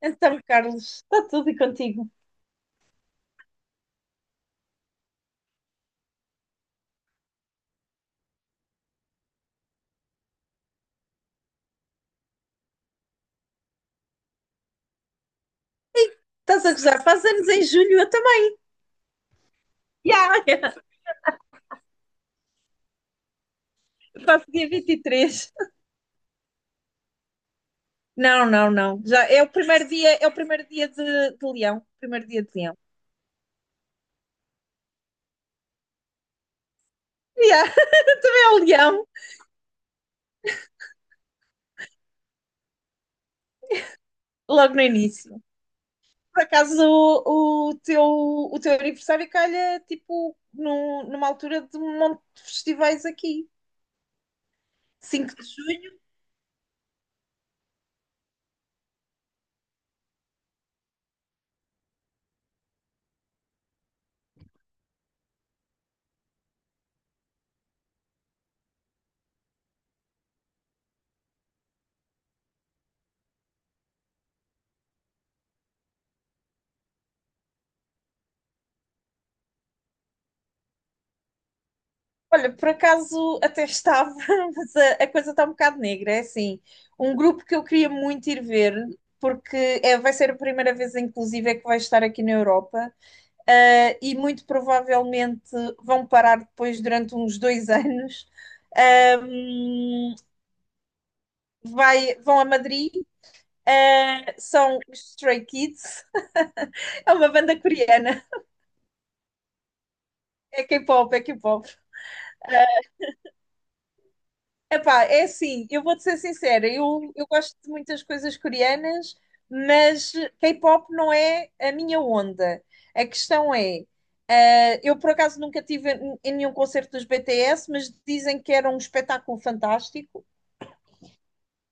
Então, Carlos, está tudo e contigo. Estás a gozar? Faz anos em julho, eu também. Ya, ya. Faço dia 23. Não, não, não. Já é o primeiro dia, é o primeiro dia de Leão. Primeiro dia de Leão. Ya, é o Leão, logo no início. Por acaso o teu aniversário calha tipo numa altura de um monte de festivais aqui. 5 de julho. Olha, por acaso até estava, mas a coisa está um bocado negra. É assim, um grupo que eu queria muito ir ver, porque é, vai ser a primeira vez, inclusive, é que vai estar aqui na Europa, e muito provavelmente vão parar depois durante uns dois anos. Ahm, vão a Madrid, são os Stray Kids, é uma banda coreana. É K-pop, é K-pop. Epá, é assim, eu vou-te ser sincera, eu gosto de muitas coisas coreanas, mas K-pop não é a minha onda. A questão é, eu por acaso nunca tive em nenhum concerto dos BTS, mas dizem que era um espetáculo fantástico.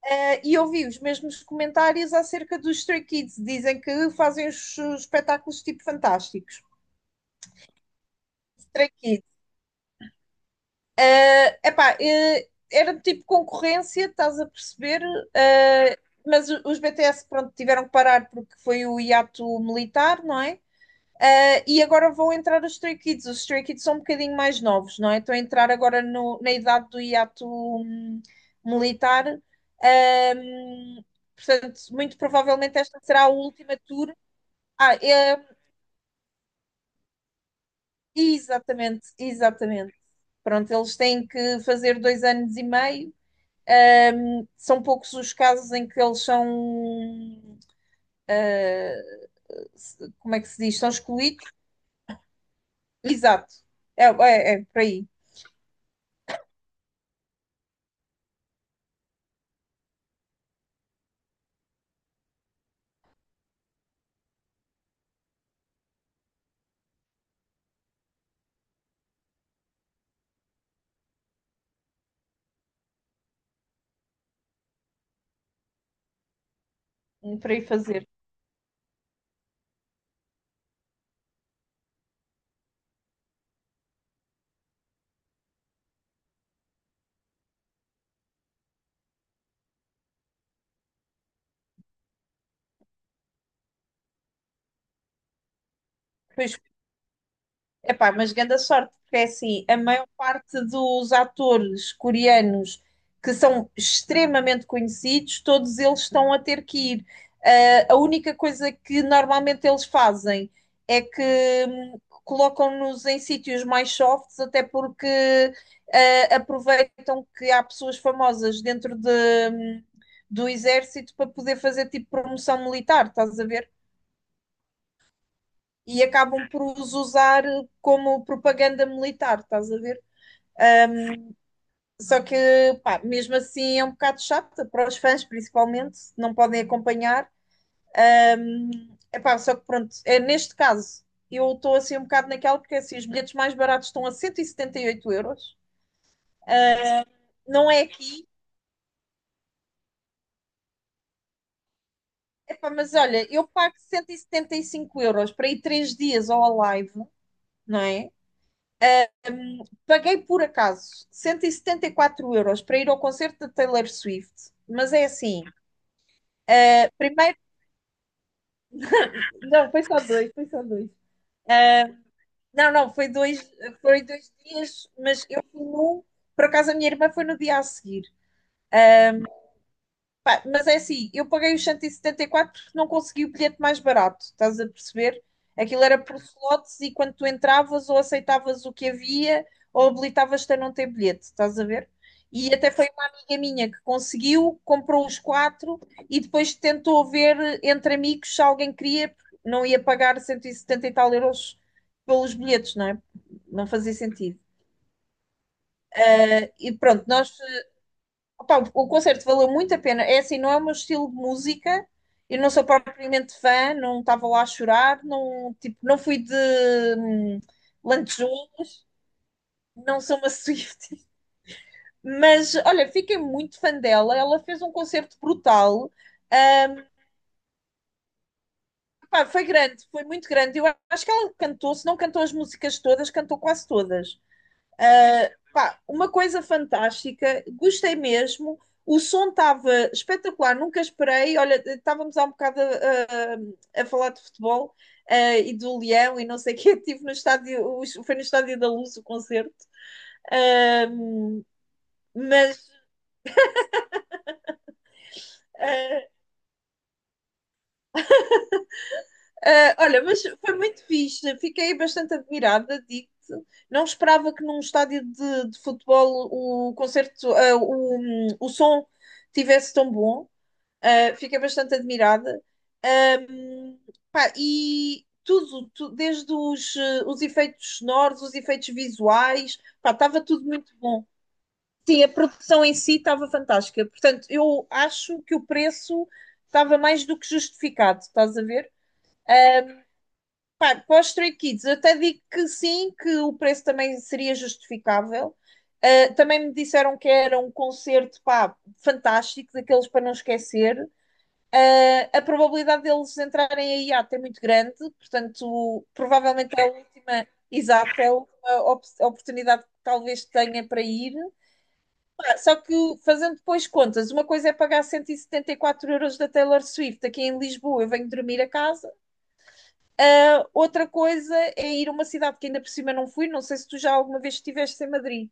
E ouvi os mesmos comentários acerca dos Stray Kids, dizem que fazem os espetáculos tipo fantásticos. Stray Kids. Epá, era tipo concorrência, estás a perceber? Eh, mas os BTS, pronto, tiveram que parar porque foi o hiato militar, não é? E agora vão entrar os Stray Kids. Os Stray Kids são um bocadinho mais novos, não é? Estão a entrar agora na idade do hiato militar. Ahm, portanto, muito provavelmente esta será a última tour. Ah, é, exatamente, exatamente. Pronto, eles têm que fazer 2 anos e meio. São poucos os casos em que eles são, como é que se diz, são excluídos. Exato, é, para aí fazer. Pois. Epá, mas grande sorte, porque é assim, a maior parte dos atores coreanos que são extremamente conhecidos, todos eles estão a ter que ir. Ah, a única coisa que normalmente eles fazem é que hum, colocam-nos em sítios mais softs, até porque aproveitam que há pessoas famosas dentro hum, do exército para poder fazer tipo promoção militar, estás a ver? E acabam por os usar como propaganda militar, estás a ver? Só que, pá, mesmo assim é um bocado chato para os fãs, principalmente, não podem acompanhar. Epá, só que pronto, é, neste caso, eu estou assim um bocado naquela, porque assim, os bilhetes mais baratos estão a 178 euros, não é aqui. Epá, mas olha, eu pago 175 € para ir três dias ao live, não é? Paguei por acaso cento e setenta e quatro euros para ir ao concerto de Taylor Swift, mas é assim, primeiro, não, foi só dois, foi só dois. Não, não, foi dois dias, mas eu fui num, por acaso a minha irmã foi no dia a seguir. Pá, mas é assim, eu paguei os 174 porque não consegui o bilhete mais barato, estás a perceber? Aquilo era por slots e quando tu entravas ou aceitavas o que havia ou habilitavas-te a não ter bilhete, estás a ver? E até foi uma amiga minha que conseguiu, comprou os quatro e depois tentou ver entre amigos se alguém queria, porque não ia pagar 170 e setenta e tal euros pelos bilhetes, não é? Não fazia sentido. E pronto, nós. Opa, o concerto valeu muito a pena. É assim, não é o meu estilo de música. Eu não sou propriamente fã, não estava lá a chorar, não, tipo, não fui de hum, lantejou. Não sou uma Swift. Mas, olha, fiquei muito fã dela. Ela fez um concerto brutal. Hum, pá, foi grande, foi muito grande. Eu acho que ela cantou, se não cantou as músicas todas, cantou quase todas. Pá, uma coisa fantástica, gostei mesmo. O som estava espetacular, nunca esperei. Olha, estávamos há um bocado a, falar de futebol e do Leão e não sei o quê. Estive no estádio, foi no estádio da Luz o concerto. Uh, mas, ah, ah, olha, mas foi muito fixe. Fiquei bastante admirada, digo não esperava que num estádio de futebol o concerto, o som tivesse tão bom. Fiquei bastante admirada. Um, pá, e tudo, desde os, os efeitos sonoros, os efeitos visuais, pá, estava tudo muito bom. Sim, a produção em si estava fantástica. Portanto, eu acho que o preço estava mais do que justificado, estás a ver? Pá, para os Stray Kids, eu até digo que sim, que o preço também seria justificável. Também me disseram que era um concerto, pá, fantástico, daqueles para não esquecer. A probabilidade deles entrarem a IAT é muito grande, portanto, provavelmente é a última, exato, é a última oportunidade que talvez tenha para ir. Só que, fazendo depois contas, uma coisa é pagar 174 € da Taylor Swift aqui em Lisboa, eu venho dormir a casa. Outra coisa é ir a uma cidade que ainda por cima não fui, não sei se tu já alguma vez estiveste em Madrid.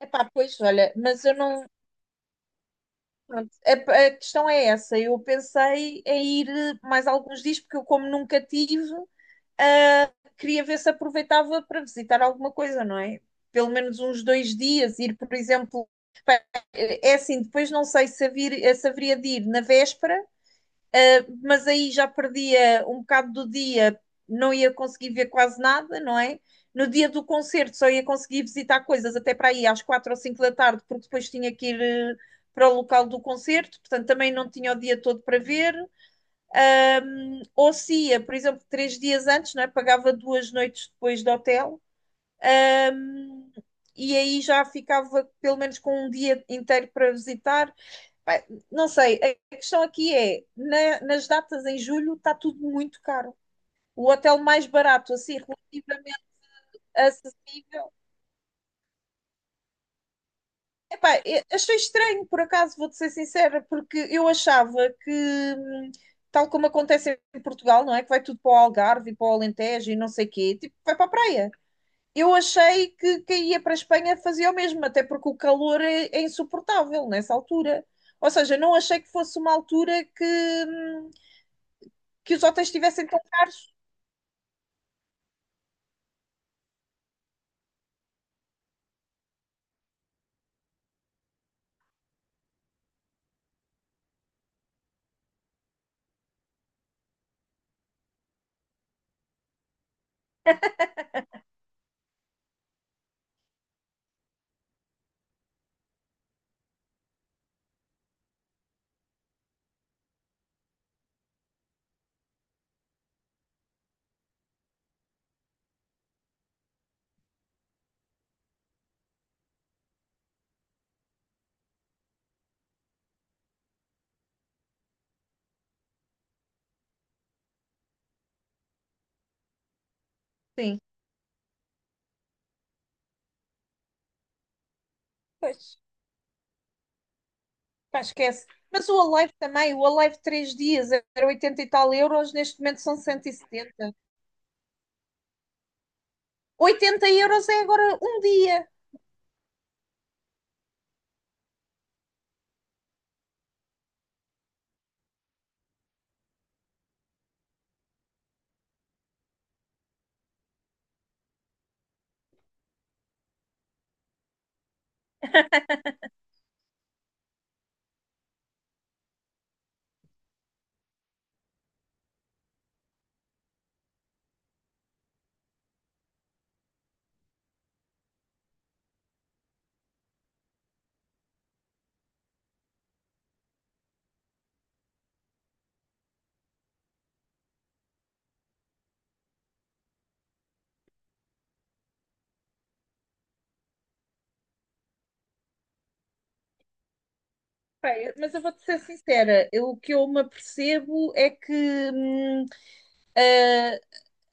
Epá, pois, olha, mas eu não. Pronto, a questão é essa. Eu pensei em ir mais alguns dias, porque eu, como nunca tive, ah, queria ver se aproveitava para visitar alguma coisa, não é? Pelo menos uns dois dias, ir, por exemplo, é assim, depois não sei se, se haveria de ir na véspera, mas aí já perdia um bocado do dia, não ia conseguir ver quase nada, não é? No dia do concerto só ia conseguir visitar coisas até para aí às quatro ou cinco da tarde, porque depois tinha que ir para o local do concerto, portanto também não tinha o dia todo para ver. Ou se ia, por exemplo, três dias antes, não é? Pagava duas noites depois do hotel. Ahm, e aí já ficava pelo menos com um dia inteiro para visitar. Pá, não sei, a questão aqui é, nas datas em julho está tudo muito caro. O hotel mais barato, assim, relativamente acessível. Epá, achei estranho, por acaso, vou-te ser sincera, porque eu achava que, hum, tal como acontece em Portugal, não é? Que vai tudo para o Algarve e para o Alentejo e não sei quê, tipo, vai para a praia. Eu achei que quem ia para a Espanha fazia o mesmo, até porque o calor é insuportável nessa altura. Ou seja, não achei que fosse uma altura que os hotéis estivessem tão caros. Sim. Pois, pá, esquece. Mas o Alive também, o Alive 3 dias era 80 e tal euros, neste momento são cento e setenta 80 euros é agora um dia. Pá, mas eu vou-te ser sincera, o que eu me apercebo é que hum,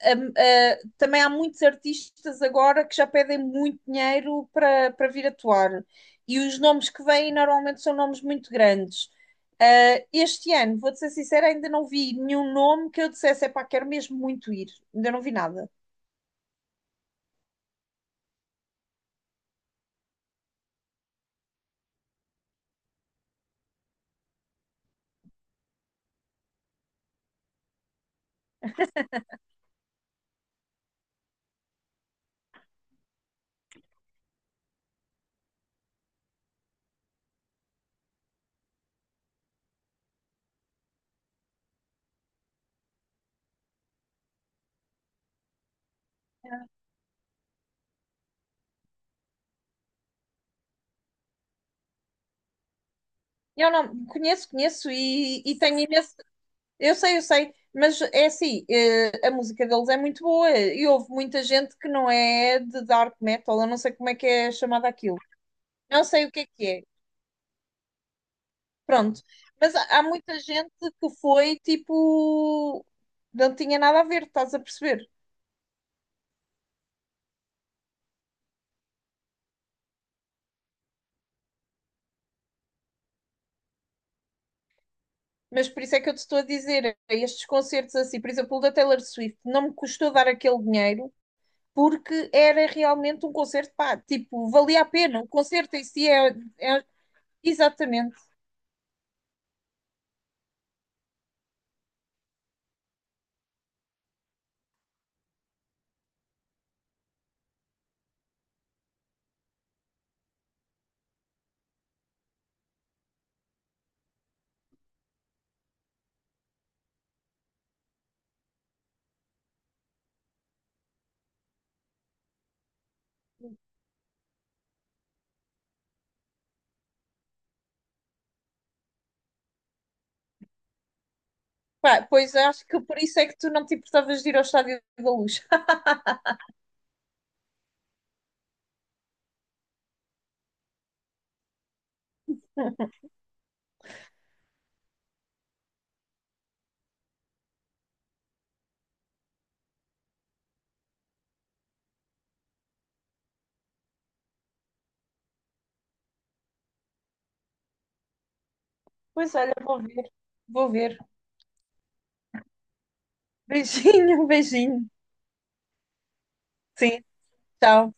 hum, ah, também há muitos artistas agora que já pedem muito dinheiro para vir atuar. E os nomes que vêm normalmente são nomes muito grandes. Ah, este ano, vou-te ser sincera, ainda não vi nenhum nome que eu dissesse, epá, quero mesmo muito ir. Ainda não vi nada. Eu não conheço, conheço e tenho imenso. Eu sei, mas é assim, a música deles é muito boa e houve muita gente que não é de dark metal, eu não sei como é que é chamada aquilo. Não sei o que é que é. Pronto. Mas há muita gente que foi tipo. Não tinha nada a ver, estás a perceber? Mas por isso é que eu te estou a dizer, estes concertos assim, por exemplo, o da Taylor Swift, não me custou dar aquele dinheiro porque era realmente um concerto, pá, tipo, valia a pena. O concerto em si é exatamente. Pá, pois acho que por isso é que tu não te importavas de ir ao Estádio da Luz. Pois olha, vou ver, vou ver. Beijinho, beijinho. Sim, tchau.